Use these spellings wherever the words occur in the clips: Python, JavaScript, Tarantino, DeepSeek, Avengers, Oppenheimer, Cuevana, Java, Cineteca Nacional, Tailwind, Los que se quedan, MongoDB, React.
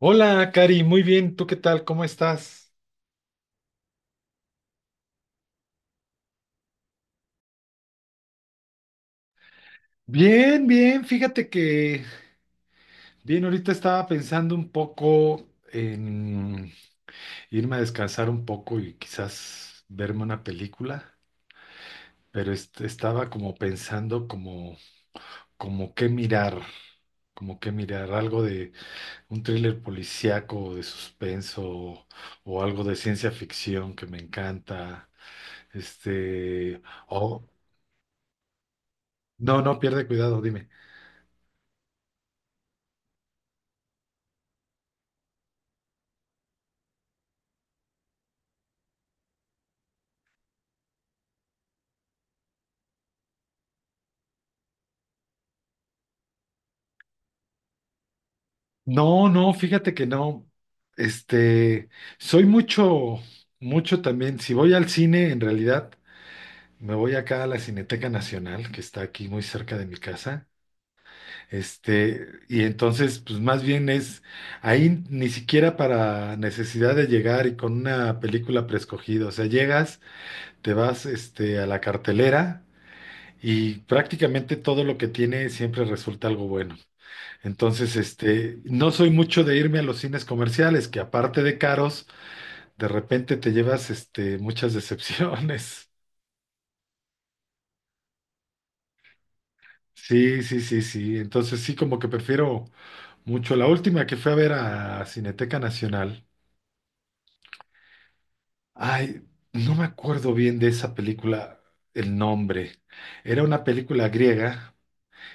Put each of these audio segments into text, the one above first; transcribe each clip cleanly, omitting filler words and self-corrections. Hola, Cari, muy bien. ¿Tú qué tal? ¿Cómo estás? Bien, bien. Fíjate que, bien, ahorita estaba pensando un poco en irme a descansar un poco y quizás verme una película, pero estaba como pensando como, como qué mirar, como qué mirar, algo de un thriller policíaco, de suspenso o algo de ciencia ficción que me encanta. Este, o no, no pierde cuidado, dime. No, no, fíjate que no. Este, soy mucho, mucho también. Si voy al cine, en realidad, me voy acá a la Cineteca Nacional, que está aquí muy cerca de mi casa. Y entonces, pues más bien es ahí ni siquiera para necesidad de llegar y con una película preescogida. O sea, llegas, te vas, a la cartelera y prácticamente todo lo que tiene siempre resulta algo bueno. Entonces, no soy mucho de irme a los cines comerciales, que aparte de caros, de repente te llevas, muchas decepciones. Sí, sí, sí, sí. Entonces sí, como que prefiero mucho. La última que fui a ver a Cineteca Nacional. Ay, no me acuerdo bien de esa película, el nombre. Era una película griega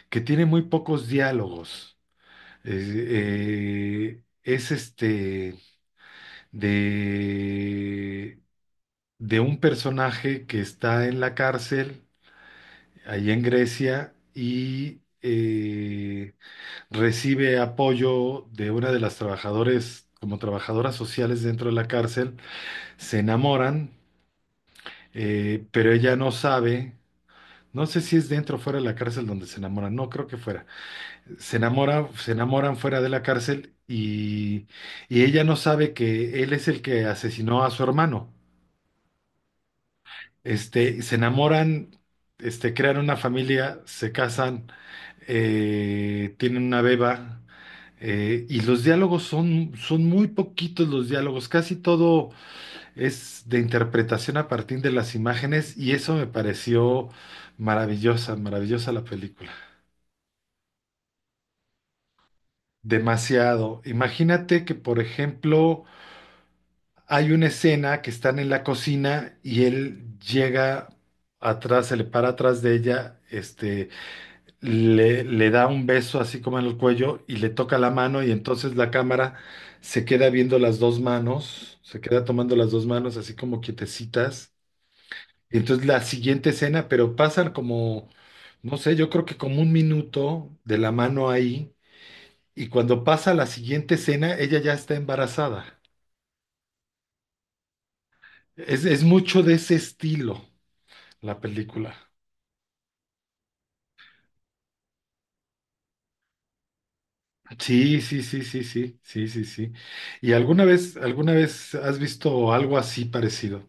que tiene muy pocos diálogos. Es de de un personaje que está en la cárcel, ahí en Grecia, y recibe apoyo de una de las trabajadores, como trabajadoras sociales dentro de la cárcel, se enamoran, pero ella no sabe. No sé si es dentro o fuera de la cárcel donde se enamoran, no creo que fuera. Se enamoran fuera de la cárcel y ella no sabe que él es el que asesinó a su hermano. Se enamoran, crean una familia, se casan, tienen una beba, y los diálogos son muy poquitos los diálogos, casi todo es de interpretación a partir de las imágenes, y eso me pareció maravillosa, maravillosa la película. Demasiado. Imagínate que, por ejemplo, hay una escena que están en la cocina y él llega atrás, se le para atrás de ella, le da un beso así como en el cuello y le toca la mano y entonces la cámara se queda viendo las dos manos, se queda tomando las dos manos así como quietecitas. Y entonces la siguiente escena, pero pasan como, no sé, yo creo que como un minuto de la mano ahí y cuando pasa la siguiente escena, ella ya está embarazada. Es mucho de ese estilo la película. Sí, sí, sí, sí, sí, sí, sí, sí. ¿Y alguna vez has visto algo así parecido?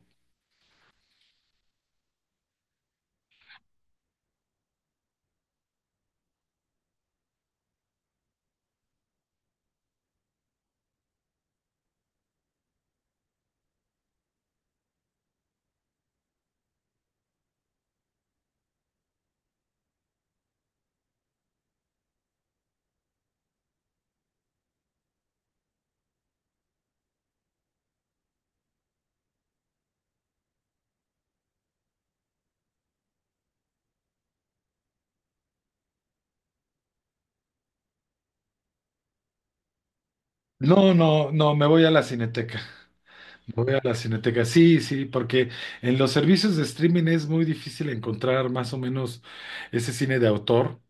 No, no, no, me voy a la Cineteca. Me voy a la Cineteca. Sí, sí, porque en los servicios de streaming es muy difícil encontrar más o menos ese cine de autor,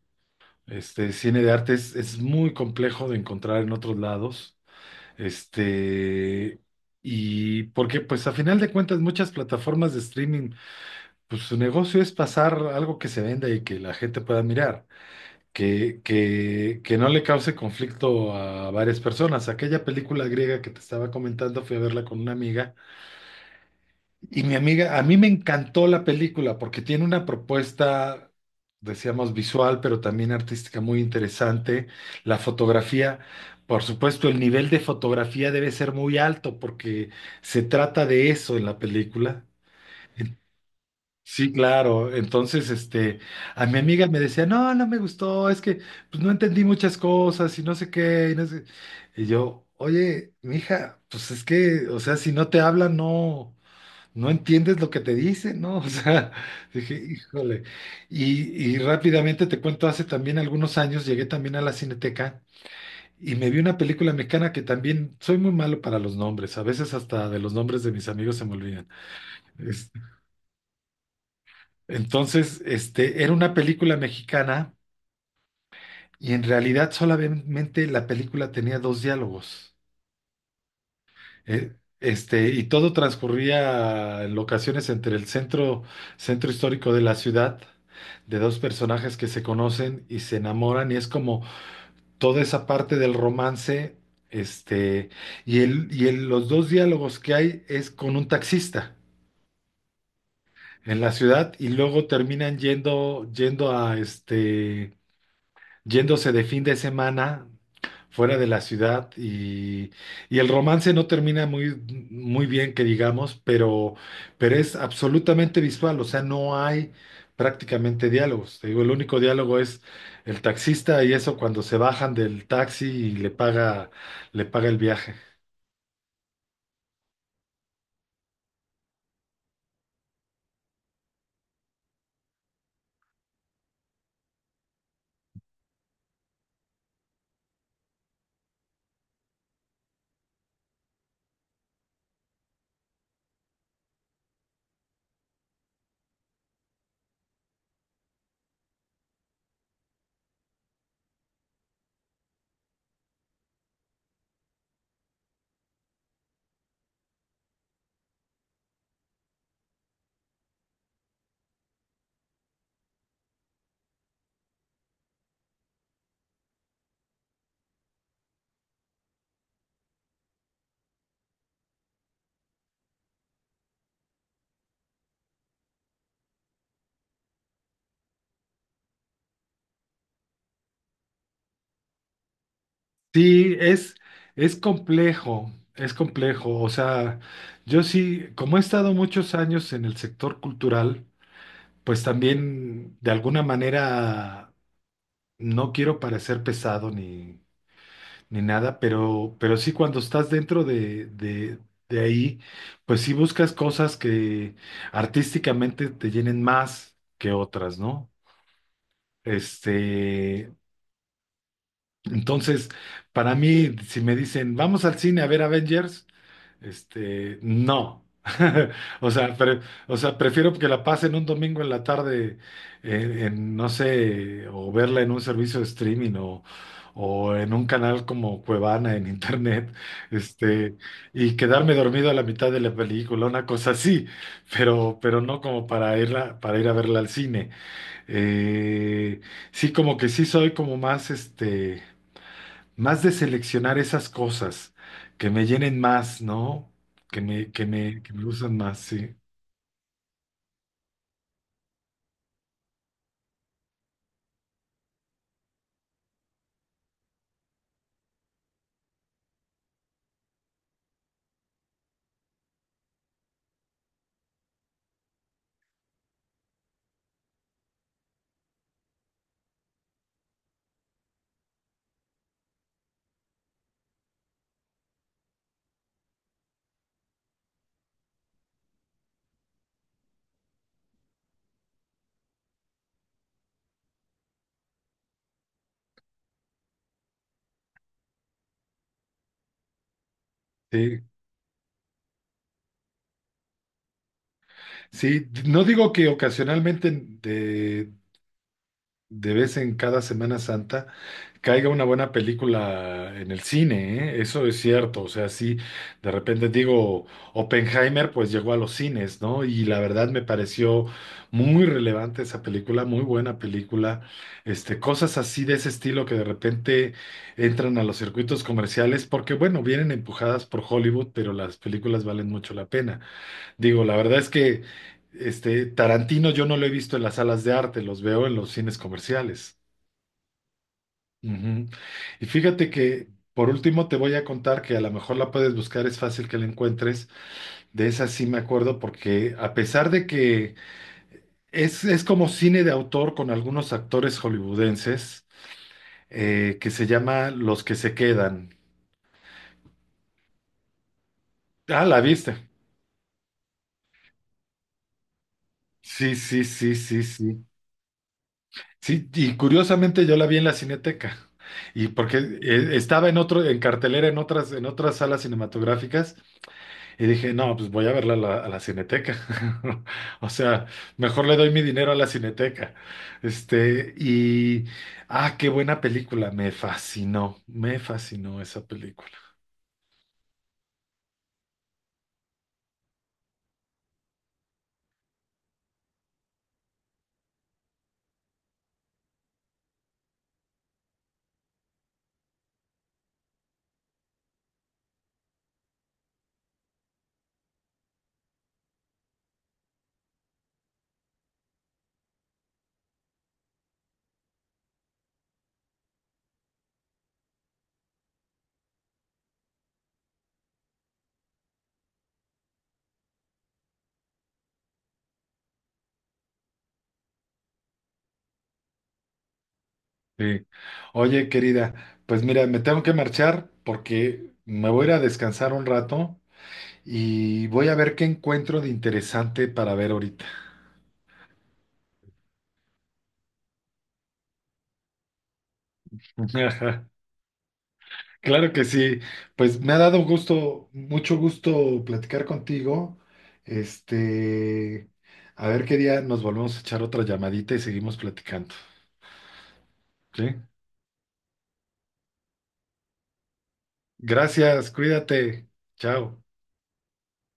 este cine de arte es muy complejo de encontrar en otros lados. Este, y porque pues a final de cuentas muchas plataformas de streaming, pues su negocio es pasar algo que se venda y que la gente pueda mirar que no le cause conflicto a varias personas. Aquella película griega que te estaba comentando, fui a verla con una amiga y mi amiga, a mí me encantó la película porque tiene una propuesta, decíamos, visual, pero también artística muy interesante. La fotografía, por supuesto, el nivel de fotografía debe ser muy alto porque se trata de eso en la película. Sí, claro. Entonces, a mi amiga me decía, no, no me gustó, es que pues, no entendí muchas cosas y no sé qué, y no sé". Y yo, oye, mija, pues es que, o sea, si no te hablan, no, no entiendes lo que te dicen, ¿no? O sea, dije, híjole. Y rápidamente te cuento, hace también algunos años llegué también a la Cineteca y me vi una película mexicana que también soy muy malo para los nombres, a veces hasta de los nombres de mis amigos se me olvidan. Entonces, era una película mexicana y en realidad solamente la película tenía dos diálogos. Y todo transcurría en locaciones entre el centro, centro histórico de la ciudad, de dos personajes que se conocen y se enamoran, y es como toda esa parte del romance, este, los dos diálogos que hay es con un taxista en la ciudad, y luego terminan yendo, yendo a este yéndose de fin de semana fuera de la ciudad y el romance no termina muy, muy bien, que digamos, pero es absolutamente visual, o sea, no hay prácticamente diálogos. Te digo, el único diálogo es el taxista y eso cuando se bajan del taxi y le paga el viaje. Sí, es complejo, es complejo. O sea, yo sí, como he estado muchos años en el sector cultural, pues también de alguna manera no quiero parecer pesado ni nada, pero sí cuando estás dentro de ahí, pues sí buscas cosas que artísticamente te llenen más que otras, ¿no? Este, entonces, para mí, si me dicen, vamos al cine a ver Avengers, No. O sea, prefiero que la pasen un domingo en la tarde en, no sé, o verla en un servicio de streaming o en un canal como Cuevana en internet, este, y quedarme dormido a la mitad de la película, una cosa así, pero no como para ir a verla al cine. Eh, sí, como que sí soy como más, más de seleccionar esas cosas que me llenen más, ¿no? Que me gustan más, sí. Sí, sí. No digo que ocasionalmente de vez en cada Semana Santa caiga una buena película en el cine, ¿eh? Eso es cierto, o sea, sí, de repente digo, Oppenheimer pues llegó a los cines, ¿no? Y la verdad me pareció muy relevante esa película, muy buena película, cosas así de ese estilo que de repente entran a los circuitos comerciales porque, bueno, vienen empujadas por Hollywood, pero las películas valen mucho la pena. Digo, la verdad es que este Tarantino yo no lo he visto en las salas de arte, los veo en los cines comerciales. Ujú. Y fíjate que por último te voy a contar que a lo mejor la puedes buscar, es fácil que la encuentres. De esa sí me acuerdo porque a pesar de que es como cine de autor con algunos actores hollywoodenses que se llama Los que se quedan. Ah, la viste. Sí, sí, sí, sí, sí. Sí, y curiosamente yo la vi en la Cineteca. Y porque estaba en cartelera en en otras salas cinematográficas, y dije, no, pues voy a verla a la Cineteca. O sea, mejor le doy mi dinero a la Cineteca. Este, y qué buena película. Me fascinó esa película. Sí. Oye, querida, pues mira, me tengo que marchar porque me voy a ir a descansar un rato y voy a ver qué encuentro de interesante para ver ahorita. Ajá, claro que sí. Pues me ha dado gusto, mucho gusto platicar contigo. Este, a ver qué día nos volvemos a echar otra llamadita y seguimos platicando. ¿Sí? Gracias, cuídate. Chao.